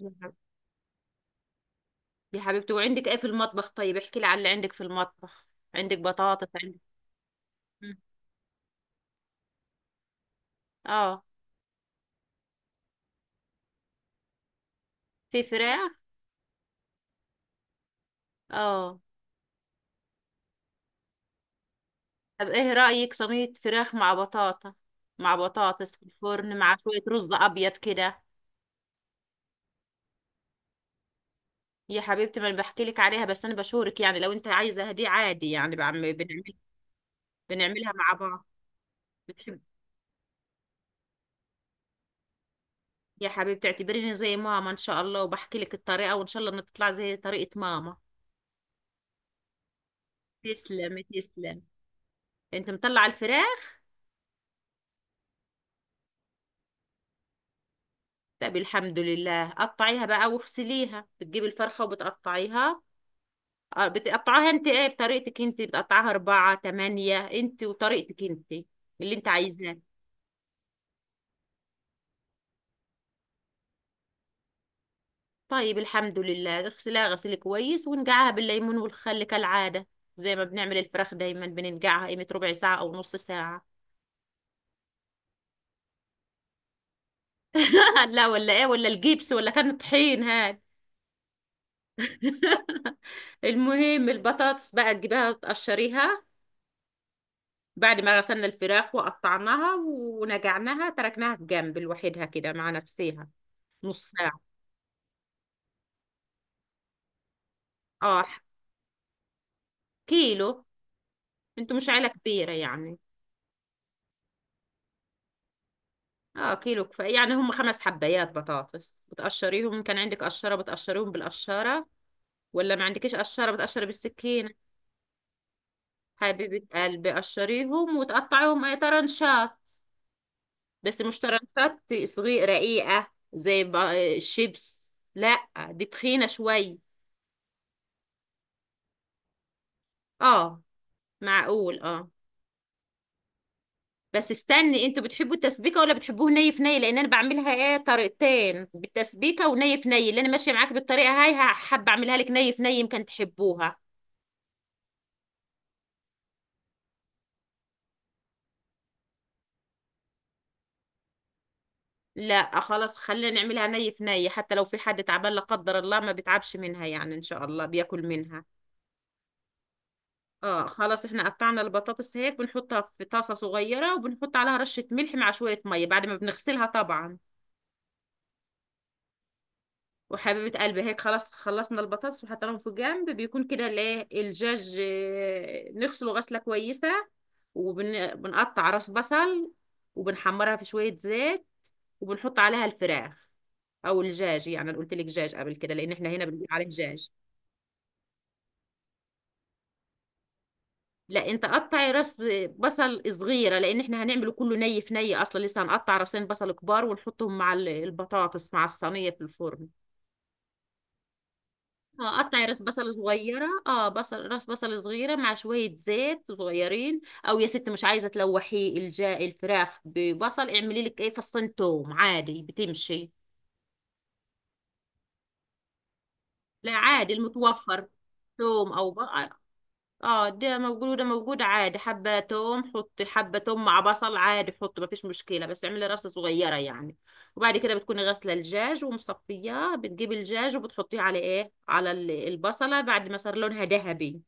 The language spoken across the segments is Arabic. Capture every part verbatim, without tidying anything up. يا حب- يا حبيبتي، وعندك ايه في المطبخ؟ طيب احكي لي على اللي عندك في المطبخ. عندك بطاطس، عندك... مم. اه. في فراخ؟ اه. طب ايه رأيك؟ صينية فراخ مع بطاطا، مع بطاطس في الفرن، مع شوية رز ابيض كده. يا حبيبتي، ما انا بحكي لك عليها بس انا بشورك يعني، لو انت عايزة دي عادي، يعني بعم بنعمل بنعملها مع بعض. بتحب؟ يا حبيبتي، اعتبريني زي ماما ان شاء الله، وبحكي لك الطريقة وان شاء الله انها تطلع زي طريقة ماما. تسلم تسلم. انت مطلعة الفراخ؟ لا، بالحمد لله قطعيها بقى واغسليها. بتجيبي الفرخة وبتقطعيها، اه بتقطعيها انت ايه بطريقتك انت، بتقطعيها اربعة تمانية انت وطريقتك انت اللي انت عايزاه. طيب الحمد لله، اغسلها غسيل كويس ونقعها بالليمون والخل كالعادة، زي ما بنعمل الفراخ دايما بننقعها قيمة ربع ساعة أو نص ساعة. لا، ولا ايه ولا الجبس ولا كان طحين هاد. المهم البطاطس بقى تجيبها تقشريها. بعد ما غسلنا الفراخ وقطعناها ونقعناها، تركناها في جنب لوحدها كده مع نفسها، نص ساعة. اه كيلو. انتوا مش عيلة كبيرة يعني. اه كيلو كفاية، يعني هم خمس حبايات بطاطس بتقشريهم، إن كان عندك قشرة بتقشريهم بالقشرة، ولا ما عندكيش قشرة بتقشري بالسكينة. حبيبة قلبي، قشريهم وتقطعيهم اي طرنشات، بس مش طرنشات صغيرة رقيقة زي ب- الشيبس، لا دي تخينة شوي. اه معقول اه. بس استني، انتوا بتحبوا التسبيكه ولا بتحبوه ني في ني؟ لان انا بعملها ايه طريقتين، بالتسبيكه وني في ني. اللي انا ماشيه معاك بالطريقه هاي، ه- حابه اعملها لك ني في ني يمكن تحبوها. لا خلاص خلينا نعملها ني في ني، حتى لو في حد تعبان لا قدر الله، ما بيتعبش منها يعني، ان شاء الله بياكل منها. اه خلاص، احنا قطعنا البطاطس هيك بنحطها في طاسه صغيره وبنحط عليها رشه ملح مع شويه ميه بعد ما بنغسلها طبعا. وحبيبة قلبي هيك خلاص، خلصنا البطاطس وحطيناهم في جنب، بيكون كده الايه الجاج، آه، نغسله غسلة كويسة وبنقطع راس بصل وبنحمرها في شوية زيت وبنحط عليها الفراخ او الجاج. يعني انا قلت لك جاج قبل كده لان احنا هنا بنقول عليه جاج. لا انت قطعي راس بصل صغيرة، لان احنا هنعمله كله ني في ني اصلا، لسه هنقطع راسين بصل كبار ونحطهم مع ال- البطاطس مع الصينية في الفرن. اه قطعي راس بصل صغيرة، اه بصل راس بصل صغيرة مع شوية زيت صغيرين. او يا ست مش عايزة تلوحي الجا الفراخ ببصل، اعملي لك ايه فصين توم عادي بتمشي. لا عادي المتوفر، توم او بقى اه. آه، ده موجود وده موجود عادي، حبة توم حطي حبة توم مع بصل عادي حطي، مفيش مشكلة بس اعملي راس صغيرة يعني. وبعد كده بتكوني غاسلة الدجاج ومصفياه، بتجيبي الدجاج وبتحطيه على ايه، على ال- البصلة بعد ما صار لونها ذهبي.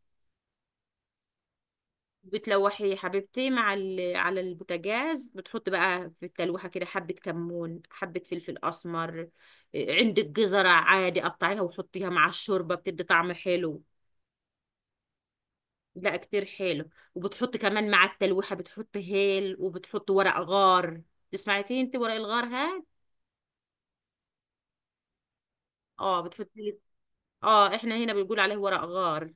بتلوحي يا حبيبتي مع ال... على البوتاجاز، بتحط بقى في التلوحة كده حبة كمون حبة فلفل أسمر. إيه، عندك جزرة عادي قطعيها وحطيها مع الشوربة بتدي طعم حلو. لا كتير حلو. وبتحط كمان مع التلوحة بتحط هيل وبتحط ورق غار. تسمعي فيه انت ورق الغار؟ ها اه بتحطي. اه احنا هنا بنقول عليه ورق غار.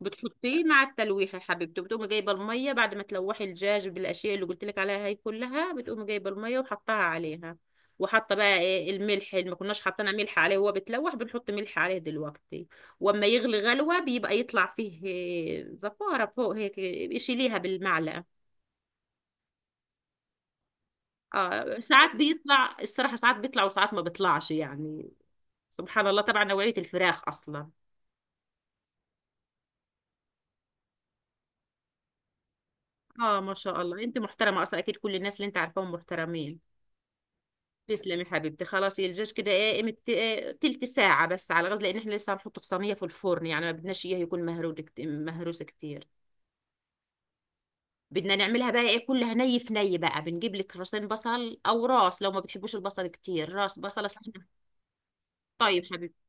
بتحطيه مع التلويح يا حبيبتي، بتقومي جايبه الميه بعد ما تلوحي الدجاج بالاشياء اللي قلت لك عليها، هي كلها بتقومي جايبه الميه وحطها عليها. وحاطه بقى ايه الملح اللي ما كناش حاطينها، ملح عليه وهو بتلوح، بنحط ملح عليه دلوقتي. واما يغلي غلوه بيبقى يطلع فيه إيه، زفاره فوق هيك، إيه، شيليها بالمعلقه. اه ساعات بيطلع الصراحه، ساعات بيطلع وساعات ما بيطلعش يعني، سبحان الله، طبعا نوعيه الفراخ اصلا. اه ما شاء الله، انت محترمه اصلا اكيد كل الناس اللي انت عارفاهم محترمين. تسلمي يا حبيبتي. خلاص الجاج كده ايه قيمة إيه تلت ساعة بس على غاز، لأن احنا لسه هنحطه في صينية في الفرن يعني ما بدناش اياه يكون مهرود كت- مهروس كتير. بدنا نعملها بقى ايه كلها ني في ني بقى، بنجيب لك راسين بصل أو راس، لو ما بتحبوش البصل كتير راس بصلة سخنة. طيب حبيبتي.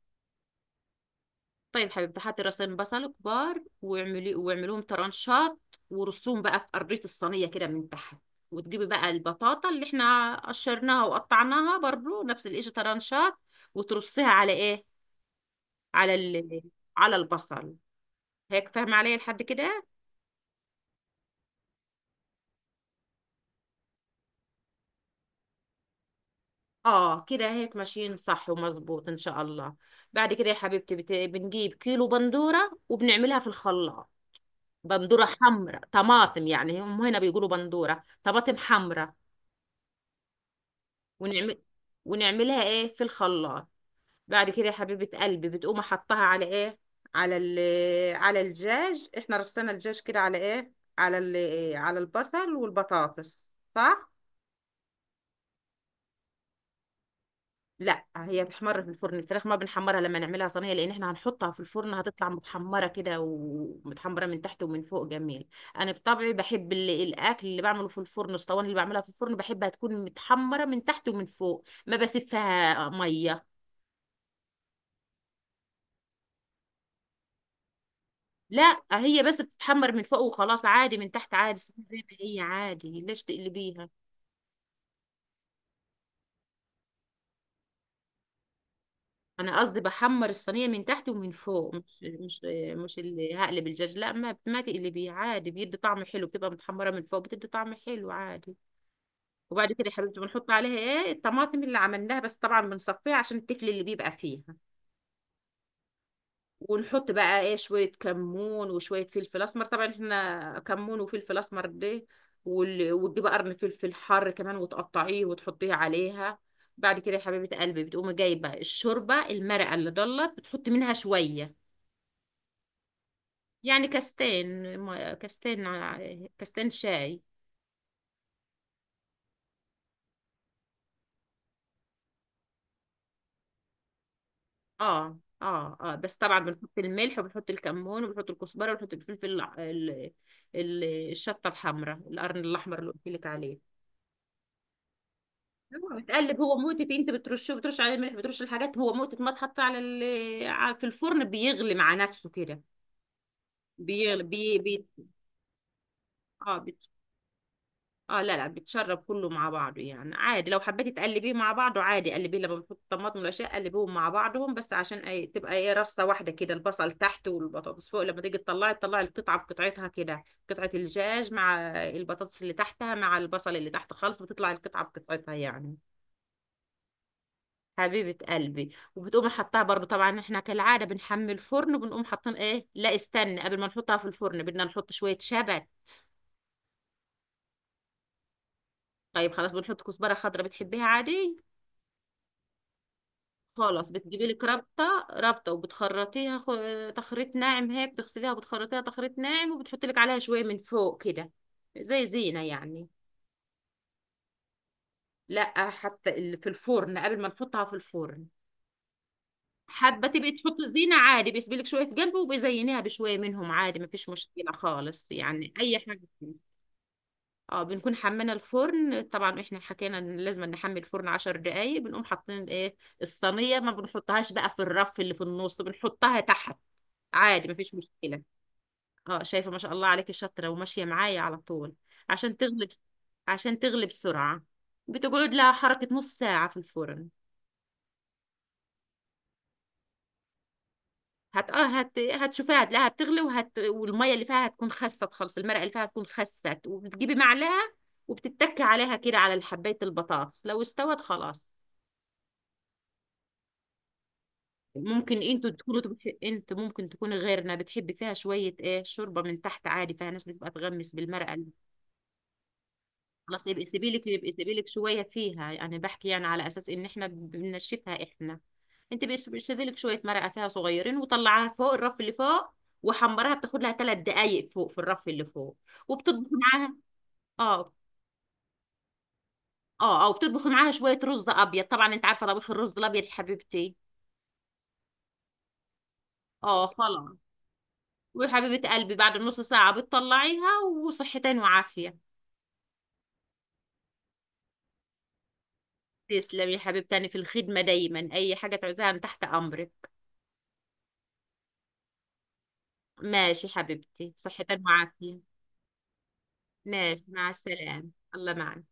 طيب حبيبتي، حطي راسين بصل كبار واعملي واعمليهم طرنشات، ورصوهم بقى في قرية الصينية كده من تحت، وتجيبي بقى البطاطا اللي احنا قشرناها وقطعناها برضو نفس الاشي طرنشات، وترصيها على ايه، على ال... على البصل. هيك فاهمة علي لحد كده؟ اه كده هيك ماشيين صح ومظبوط ان شاء الله. بعد كده يا حبيبتي، بت... بنجيب كيلو بندورة وبنعملها في الخلاط، بندورة حمراء طماطم يعني هم هنا بيقولوا بندورة طماطم حمراء. ونعمل ونعملها ايه في الخلاط. بعد كده يا حبيبة قلبي، بتقوم احطها على ايه، على ال... على الدجاج. احنا رصينا الدجاج كده على ايه، على ال... على البصل والبطاطس، صح. لا هي بتحمر في الفرن، الفراخ ما بنحمرها لما نعملها صينيه لان احنا هنحطها في الفرن هتطلع متحمره كده، ومتحمره من تحت ومن فوق، جميل. انا بطبعي بحب ال- الاكل اللي بعمله في الفرن، الصواني اللي بعملها في الفرن بحبها تكون متحمره من تحت ومن فوق، ما بسفها ميه. لا هي بس بتتحمر من فوق وخلاص عادي، من تحت عادي زي ما هي عادي، ليش تقلبيها. انا قصدي بحمر الصينيه من تحت ومن فوق، مش مش مش اللي هقلب الدجاج، لا ما ما تقلبيه عادي بيدي طعم حلو، بتبقى متحمره من فوق بتدي طعم حلو عادي. وبعد كده يا حبيبتي بنحط عليها ايه الطماطم اللي عملناها، بس طبعا بنصفيها عشان التفل اللي بيبقى فيها، ونحط بقى ايه شويه كمون وشويه فلفل اسمر طبعا احنا، كمون وفلفل اسمر ده، وال- وتجيبي قرن فلفل حار كمان وتقطعيه وتحطيه عليها. بعد كده يا حبيبه قلبي، بتقومي جايبه الشوربه المرقه اللي ضلت بتحطي منها شويه. يعني كاستين ما- كاستين ع- كاستين شاي. اه، اه، اه، بس طبعا بنحط الملح وبنحط الكمون وبنحط الكزبره وبنحط الفلفل الع- ال- ال- الشطه الحمراء القرن الاحمر اللي قلت لك عليه. هو بتقلب، هو مقتت، انت بترشه، بترش عليه الملح بترش الحاجات، هو مقتت ما تحط على ال... ع- في الفرن بيغلي مع نفسه كده. بيغلي بي... بي... اه، اه، لا، لا، بيتشرب كله مع بعضه يعني عادي، لو حبيتي تقلبيه مع بعضه عادي قلبيه، لما بتحط الطماطم والاشياء قلبيهم مع بعضهم بس عشان أي تبقى ايه رصه واحده كده، البصل تحت والبطاطس فوق، لما تيجي تطلعي تطلعي القطعه بقطعتها كده، قطعه الدجاج مع البطاطس اللي تحتها مع البصل اللي تحت خالص، بتطلع القطعه بقطعتها يعني. حبيبة قلبي، وبتقوم حطها برضو طبعا احنا كالعادة بنحمي الفرن، وبنقوم حاطين ايه، لا استنى قبل ما نحطها في الفرن بدنا نحط شوية شبت. طيب خلاص، بنحط كزبرة خضراء بتحبيها عادي. خلاص بتجيبي لك ربطة ربطة وبتخرطيها خ- تخريط ناعم هيك، بتغسليها وبتخرطيها تخريط ناعم وبتحطي لك عليها شوية من فوق كده، زي زينة يعني. لا حتى ال- في الفرن قبل ما نحطها في الفرن. حابة تبقي تحطي زينة عادي، بيسيبي لك شوية في جنبه وبيزينيها بشوية منهم عادي، مفيش مشكلة خالص يعني أي حاجة فيه. اه بنكون حمينا الفرن طبعا، احنا حكينا ان لازم نحمي الفرن عشر دقايق، بنقوم حاطين ايه الصينية، ما بنحطهاش بقى في الرف اللي في النص بنحطها تحت عادي مفيش مشكلة. اه شايفة، ما شاء الله عليكي شاطرة وماشية معايا على طول. عشان تغلب. عشان تغلي بسرعة. بتقعد لها حركة نص ساعة في الفرن. هت اه هت هتشوفيها هتلاقيها بتغلي، وهت والمية اللي فيها هتكون خست خالص، المرقة اللي فيها هتكون خست، وبتجيبي معلقة وبتتكي عليها كده على حباية البطاطس لو استوت خلاص. ممكن انتوا تكونوا تبح- انت ممكن تكوني غيرنا بتحبي فيها شوية ايه شوربة من تحت عادي، فيها ناس بتبقى تغمس بالمرقة. خلاص يبقى سيبيلك يبقى سيبيلك شويه فيها يعني، بحكي يعني على اساس ان احنا بننشفها احنا، انت بقى سيبي- سيبيلك شويه مرقه فيها صغيرين وطلعها فوق الرف اللي فوق، وحمرها بتاخد لها ثلاث دقائق فوق في الرف اللي فوق، وبتطبخي معاها. اه، اه، اه، وبتطبخي معاها شويه رز ابيض، طبعا انت عارفه طبيخ الرز الابيض يا حبيبتي. اه خلاص. وحبيبه قلبي بعد نص ساعه بتطلعيها، وصحتين وعافيه. تسلمي يا حبيبتي في الخدمه دايما، اي حاجه تعوزيها أنا تحت امرك. ماشي حبيبتي، صحتين وعافيه. ماشي مع السلامة. الله معك.